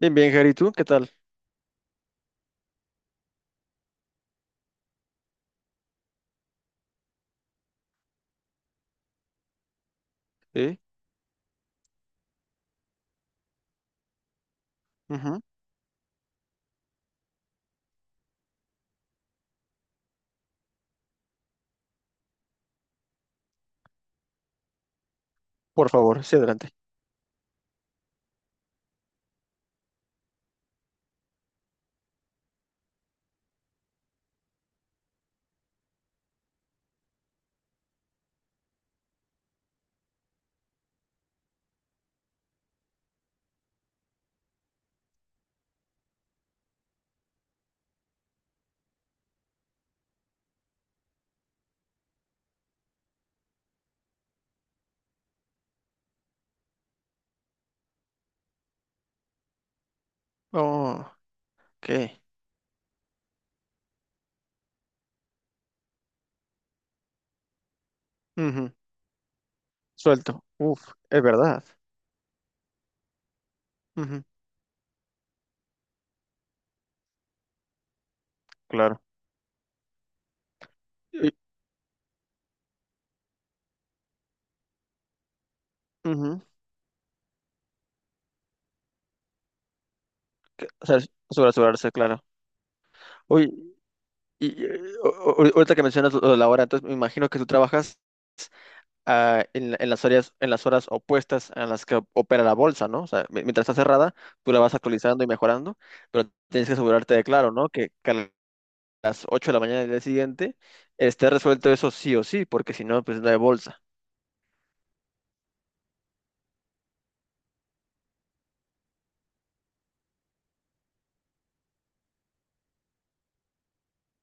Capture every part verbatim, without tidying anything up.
Bien, bien, Gary, ¿tú qué tal? Sí. Ujú. Por favor, sí, adelante. Oh, ok. Ujú. Suelto. Uf, es verdad. Ujú. Claro. Y- ujú. O sea, sobre asegurarse, claro. Oye, y, eh, o- o- ahorita que mencionas lo de la hora, entonces me imagino que tú trabajas ah, en, la- en las áreas, en las horas opuestas a las que opera la bolsa, ¿no? O sea, mi- mientras está cerrada, tú la vas actualizando y mejorando, pero tienes que asegurarte de, claro, ¿no? Que, que las ocho de la mañana del día siguiente, esté resuelto eso sí o sí, porque si no, pues no hay bolsa.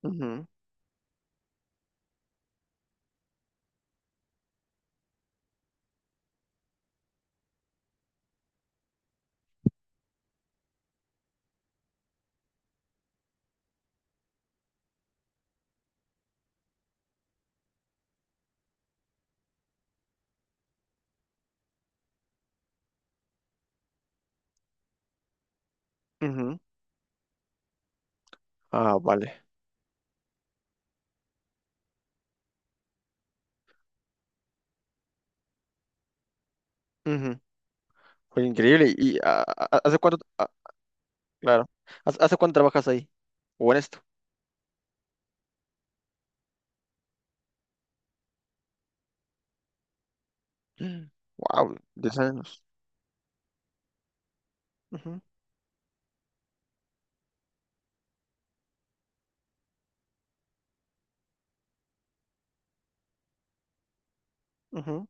Ujú. Ujú. Ah, vale. Ujú. Oye, increíble. ¿Y ah, ah, hace cuánto? Ah, claro. ¿Hace hace cuánto trabajas ahí? ¿O en esto? Wow, diez años. Ujú. Ujú.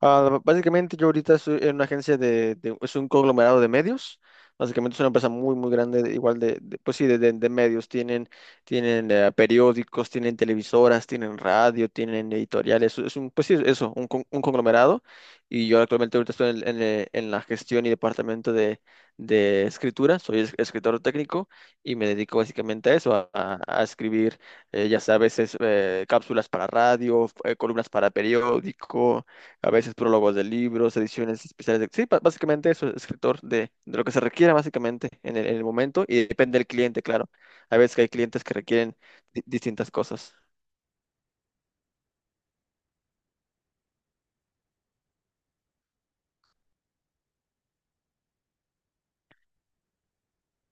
Ah, básicamente yo ahorita soy en una agencia de, de- es un conglomerado de medios. Básicamente es una empresa muy, muy grande, de- igual de, de- pues sí, de, de- de medios. Tienen, tienen eh, periódicos, tienen televisoras, tienen radio, tienen editoriales. Es un, pues sí, eso, un, con- un conglomerado. Y yo actualmente ahorita estoy en, en, eh, en la gestión y departamento de, de escritura. Soy es- escritor técnico y me dedico básicamente a eso, a, a- a escribir, eh, ya sabes, es, eh, cápsulas para radio, eh, columnas para periódico, a veces prólogos de libros, ediciones especiales de... Sí, ba- básicamente eso, escritor de, de lo que se requiera básicamente en el, en el momento y depende del cliente, claro. A veces que hay clientes que requieren di- distintas cosas.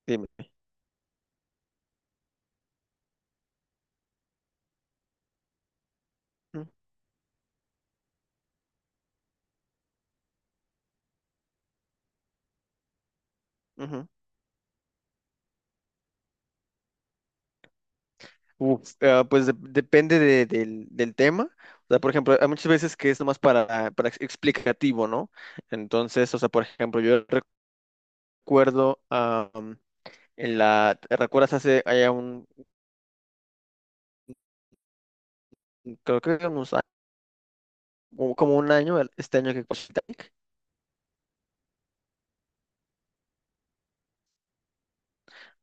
Dime. Ujú. Ujú. Uf, ah, pues de- depende de- del, del tema. O sea, por ejemplo, hay muchas veces que es nomás para, para ex- explicativo, ¿no? Entonces, o sea, por ejemplo, yo recuerdo ah, um, en la... ¿te Recuerdas hace, allá un, creo que unos a- u- como un año, el- este año que pasó.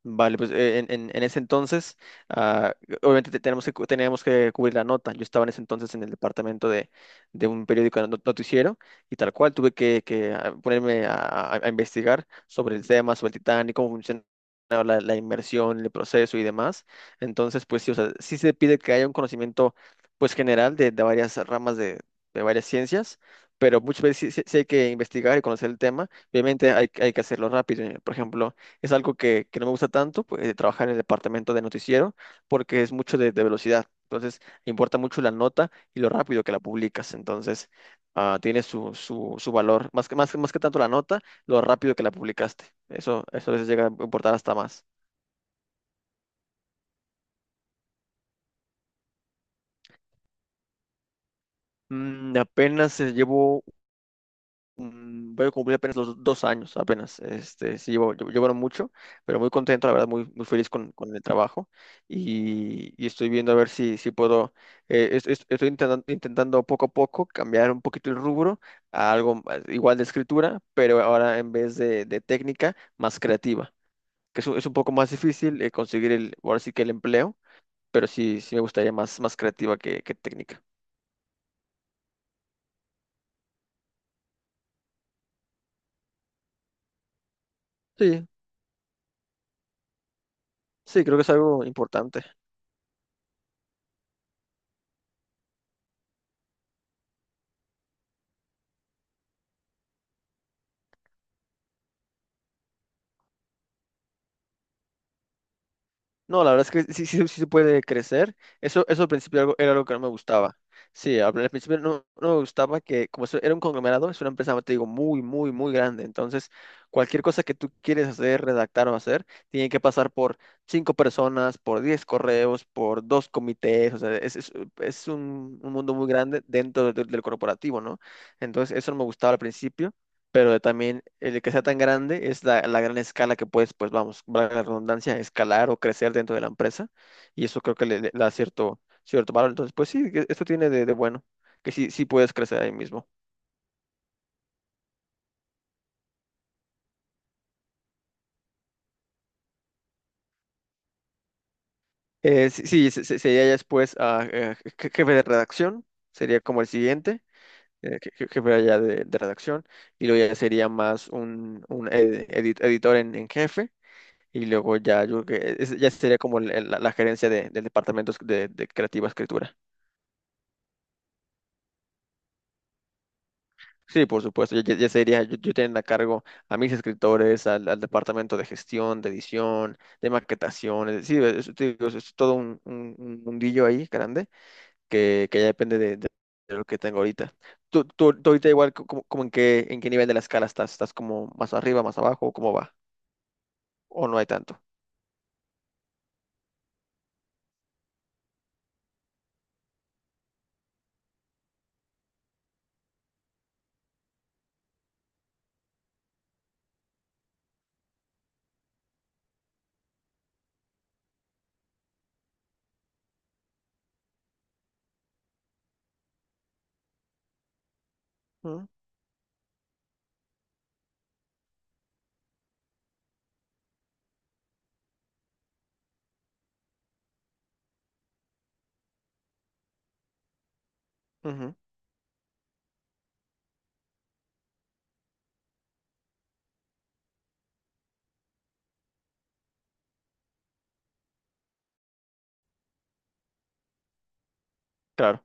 Vale, pues eh, en, en- en ese entonces, ah, obviamente te- tenemos que, cu- teníamos que cubrir la nota. Yo estaba en ese entonces en el departamento de, de un periódico not- noticiero, y tal cual tuve que, que, ah, ponerme a, a- a investigar sobre el tema, sobre el Titanic, cómo funciona la, la inmersión, el proceso y demás. Entonces, pues sí, o sea, sí se pide que haya un conocimiento pues general de, de varias ramas de, de varias ciencias, pero muchas veces sí, sí- sí hay que investigar y conocer el tema. Obviamente hay, hay que hacerlo rápido. eh, Por ejemplo, es algo que, que no me gusta tanto, pues, de trabajar en el departamento de noticiero, porque es mucho de, de velocidad. Entonces, importa mucho la nota y lo rápido que la publicas. Entonces, ah, tiene su, su, su valor. Más que, más, más que tanto la nota, lo rápido que la publicaste. Eso, eso a veces llega a importar hasta más. Mm, apenas eh, llevo Mm, voy a cumplir apenas los dos años, apenas. Este, sí, llevo, llevo- llevaron mucho, pero muy contento, la verdad, muy, muy feliz con, con el trabajo. Y, y estoy viendo a ver si, si puedo, eh, es- es- estoy intentando, intentando poco a poco cambiar un poquito el rubro a algo más- igual de escritura, pero ahora en vez de, de técnica, más creativa, que es, un es un poco más difícil eh, conseguir el, ahora sí que el empleo, pero sí, sí me gustaría más, más creativa que, que técnica. Sí, sí, creo que es algo importante. No, la verdad es que sí, sí, sí se puede crecer. Eso, eso al principio algo- era algo que no me gustaba. Sí, al al principio no, no me gustaba que, como eso era un conglomerado, es una empresa, te digo, muy, muy, muy grande. Entonces, cualquier cosa que tú quieres hacer, redactar o hacer, tiene que pasar por cinco personas, por diez correos, por dos comités. O sea, es, es, es un, un mundo muy grande dentro de- del corporativo, ¿no? Entonces, eso no me gustaba al principio, pero también el que sea tan grande es la, la gran escala que puedes, pues vamos, valga la redundancia, escalar o crecer dentro de la empresa, y eso creo que le, le da cierto, cierto valor. Entonces, pues sí, que esto tiene de, de bueno, que sí, sí puedes crecer ahí mismo. Eh, sí, sí, se- se- sería ya después ah, eh, je- jefe de redacción, sería como el siguiente, eh, je- je- jefe allá de, de redacción, y luego ya sería más un, un ed- edit- editor en, en jefe. Y luego ya, yo creo que es- ya sería como el- el- la, la gerencia de- del departamento de, de creativa escritura. Sí, por supuesto, yo, yo- ya sería, yo, yo teniendo a cargo a mis escritores, al, al departamento de gestión, de edición, de maquetación, es decir, es, te digo, es- es todo un, un- un mundillo ahí grande que, que ya depende de, de- de lo que tengo ahorita. Tú, tú, tú ahorita igual, co- como, como en qué, en qué nivel de la escala estás, ¿estás como más arriba, más abajo, cómo va? ¿O no hay tanto? Mm, ujú, claro,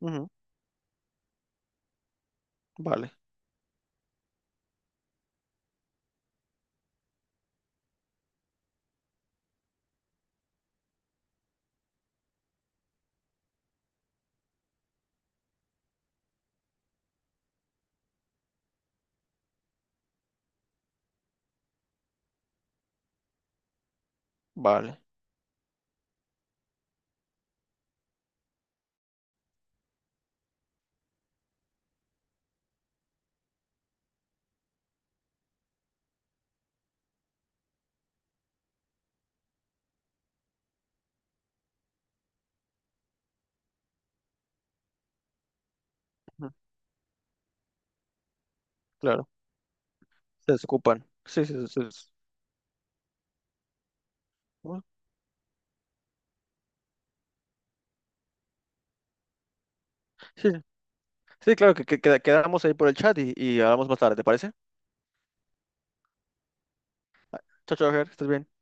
ujú, vale, vale, ujú, claro, se desocupan, sí, sí, sí, sí. Bueno, sí, sí, sí, claro, que, que- queda- quedamos ahí por el chat y, y hablamos más tarde, ¿te parece? Chao, chao, Ger, estás bien.